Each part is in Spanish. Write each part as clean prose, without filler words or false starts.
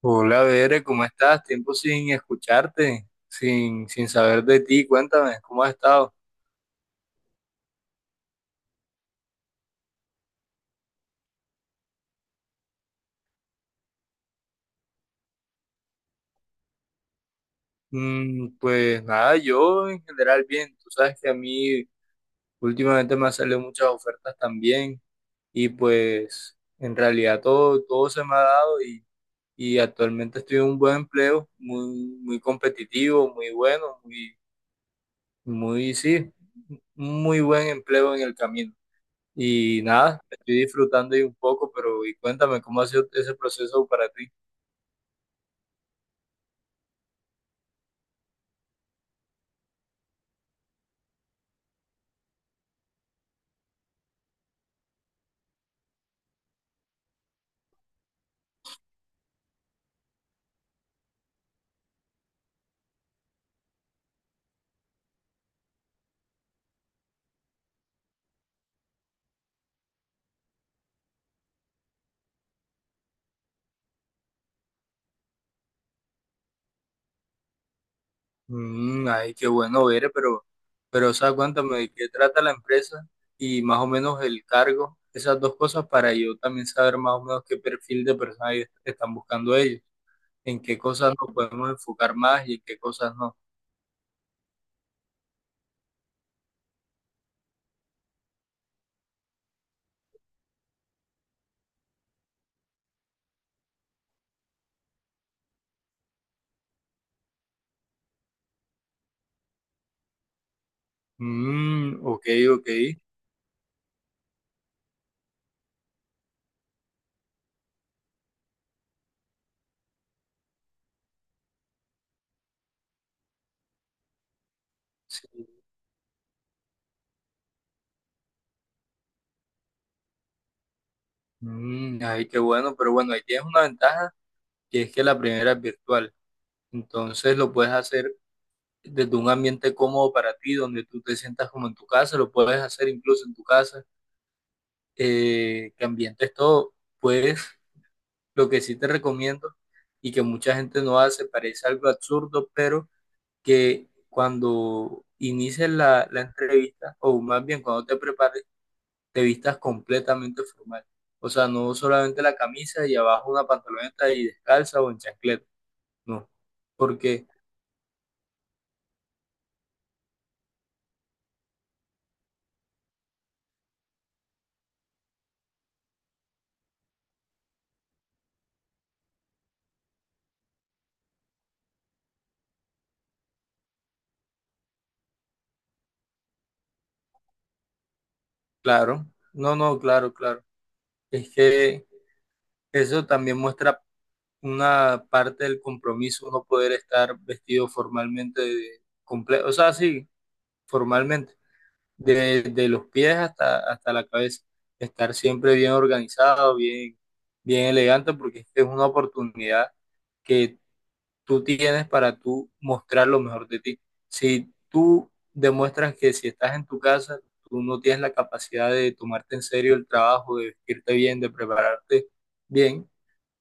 Hola, Bere, ¿cómo estás? Tiempo sin escucharte, sin saber de ti. Cuéntame, ¿cómo has estado? Pues nada, yo en general bien. Tú sabes que a mí últimamente me han salido muchas ofertas también y pues en realidad todo, todo se me ha dado y actualmente estoy en un buen empleo, muy, muy competitivo, muy bueno, muy, muy, sí, muy buen empleo en el camino. Y nada, estoy disfrutando ahí un poco, pero y cuéntame cómo ha sido ese proceso para ti. Ay, qué bueno ver, pero, o sea, cuéntame de qué trata la empresa y más o menos el cargo, esas dos cosas para yo también saber más o menos qué perfil de personas están buscando ellos, en qué cosas nos podemos enfocar más y en qué cosas no. Mm, ok, ok. Sí. Ay, qué bueno, pero bueno, ahí tienes una ventaja que es que la primera es virtual, entonces lo puedes hacer desde un ambiente cómodo para ti, donde tú te sientas como en tu casa, lo puedes hacer incluso en tu casa, que ambientes todo, pues lo que sí te recomiendo y que mucha gente no hace, parece algo absurdo, pero que cuando inicies la entrevista, o más bien cuando te prepares, te vistas completamente formal. O sea, no solamente la camisa y abajo una pantaloneta y descalza o en chancleta, no. Porque, claro, no, no, claro, claro. Es que eso también muestra una parte del compromiso, uno poder estar vestido formalmente, o sea, sí, formalmente, de los pies hasta la cabeza, estar siempre bien organizado, bien elegante, porque es que es una oportunidad que tú tienes para tú mostrar lo mejor de ti. Si tú demuestras que si estás en tu casa, tú no tienes la capacidad de tomarte en serio el trabajo, de vestirte bien, de prepararte bien,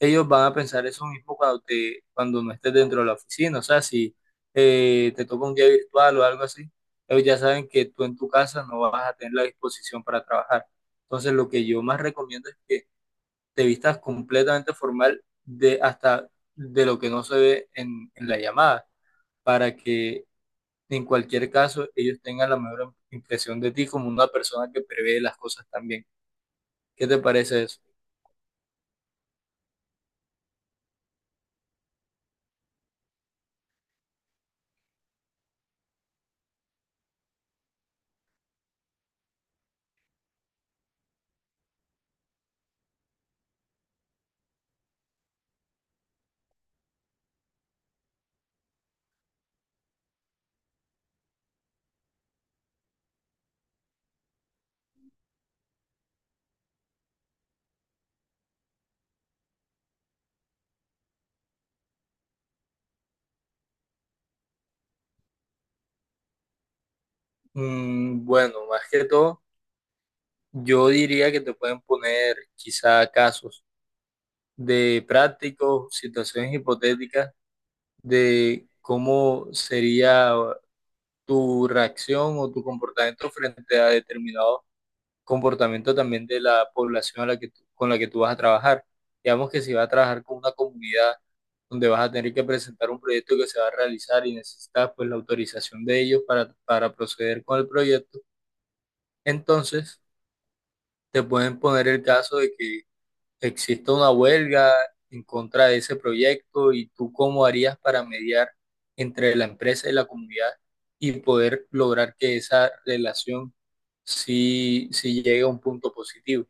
ellos van a pensar eso mismo cuando te, cuando no estés dentro de la oficina. O sea, si te toca un día virtual o algo así, ellos ya saben que tú en tu casa no vas a tener la disposición para trabajar. Entonces, lo que yo más recomiendo es que te vistas completamente formal, de hasta de lo que no se ve en la llamada, para que en cualquier caso ellos tengan la mejor impresión de ti como una persona que prevé las cosas también. ¿Qué te parece eso? Bueno, más que todo, yo diría que te pueden poner quizá casos de prácticos, situaciones hipotéticas de cómo sería tu reacción o tu comportamiento frente a determinado comportamiento también de la población a la que con la que tú vas a trabajar. Digamos que si vas a trabajar con una comunidad donde vas a tener que presentar un proyecto que se va a realizar y necesitas pues la autorización de ellos para proceder con el proyecto, entonces te pueden poner el caso de que existe una huelga en contra de ese proyecto y tú cómo harías para mediar entre la empresa y la comunidad y poder lograr que esa relación sí, sí llegue a un punto positivo.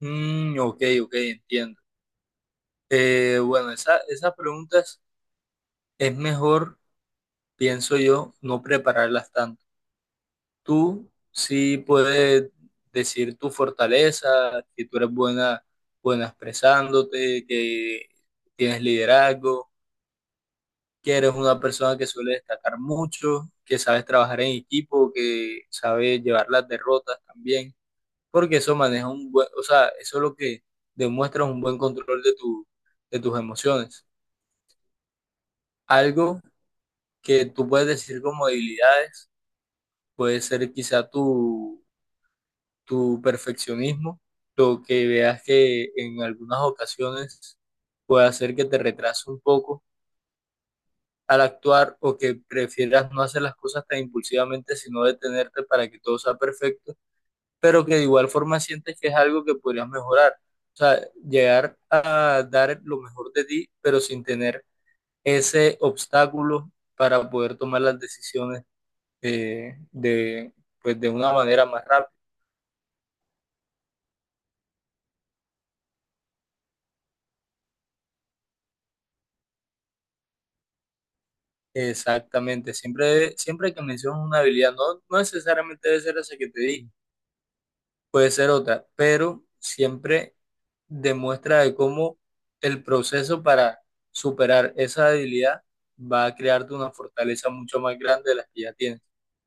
Mm, ok, ok, entiendo. Bueno, esas preguntas es mejor, pienso yo, no prepararlas tanto. Tú sí puedes decir tu fortaleza, que tú eres buena, buena expresándote, que tienes liderazgo, que eres una persona que suele destacar mucho, que sabes trabajar en equipo, que sabes llevar las derrotas también, porque eso maneja un buen, o sea, eso es lo que demuestra un buen control de de tus emociones. Algo que tú puedes decir como debilidades puede ser quizá tu perfeccionismo, lo que veas que en algunas ocasiones puede hacer que te retrase un poco al actuar o que prefieras no hacer las cosas tan impulsivamente, sino detenerte para que todo sea perfecto, pero que de igual forma sientes que es algo que podrías mejorar. O sea, llegar a dar lo mejor de ti, pero sin tener ese obstáculo para poder tomar las decisiones eh, de, pues de una manera más rápida. Exactamente, siempre que mencionas una habilidad, no necesariamente debe ser esa que te dije, puede ser otra, pero siempre demuestra de cómo el proceso para superar esa debilidad va a crearte una fortaleza mucho más grande de las que ya tienes.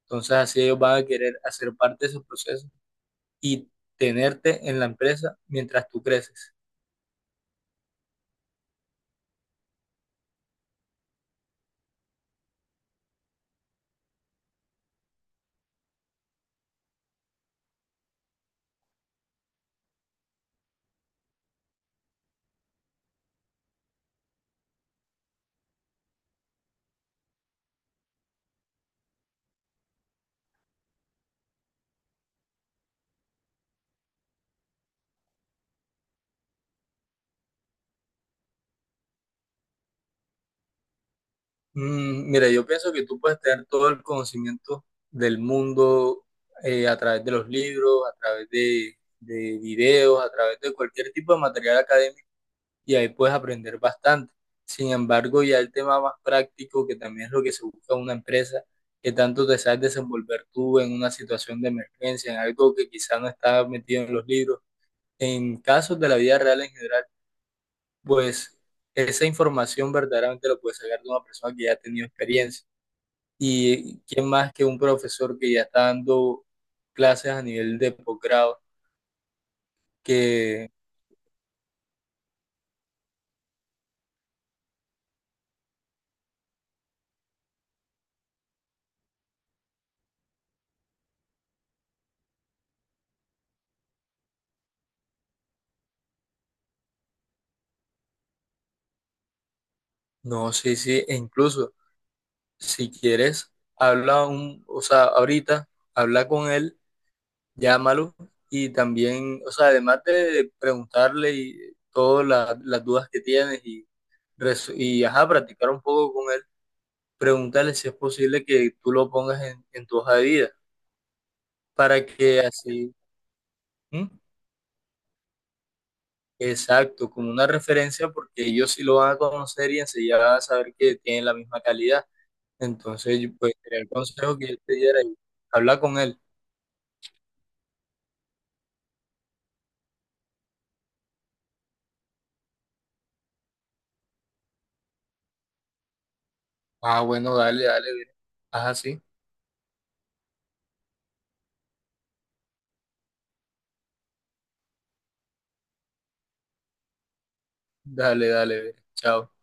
Entonces así ellos van a querer hacer parte de ese proceso y tenerte en la empresa mientras tú creces. Mira, yo pienso que tú puedes tener todo el conocimiento del mundo, a través de los libros, a través de videos, a través de cualquier tipo de material académico y ahí puedes aprender bastante. Sin embargo, ya el tema más práctico, que también es lo que se busca en una empresa, que tanto te sabes desenvolver tú en una situación de emergencia, en algo que quizás no está metido en los libros, en casos de la vida real en general, pues esa información verdaderamente la puedes sacar de una persona que ya ha tenido experiencia. Y quién más que un profesor que ya está dando clases a nivel de posgrado, que no sé si, e incluso, si quieres, o sea, ahorita, habla con él, llámalo y también, o sea, además de preguntarle y todas las dudas que tienes y ajá, practicar un poco con él, pregúntale si es posible que tú lo pongas en tu hoja de vida para que así, ¿Mm? Exacto, como una referencia, porque ellos sí lo van a conocer y enseguida van a saber que tienen la misma calidad. Entonces, pues, sería el consejo que yo te diera y habla con él. Ah, bueno, dale, dale, Vero. Ajá, sí. Dale, dale, Vero. Chao.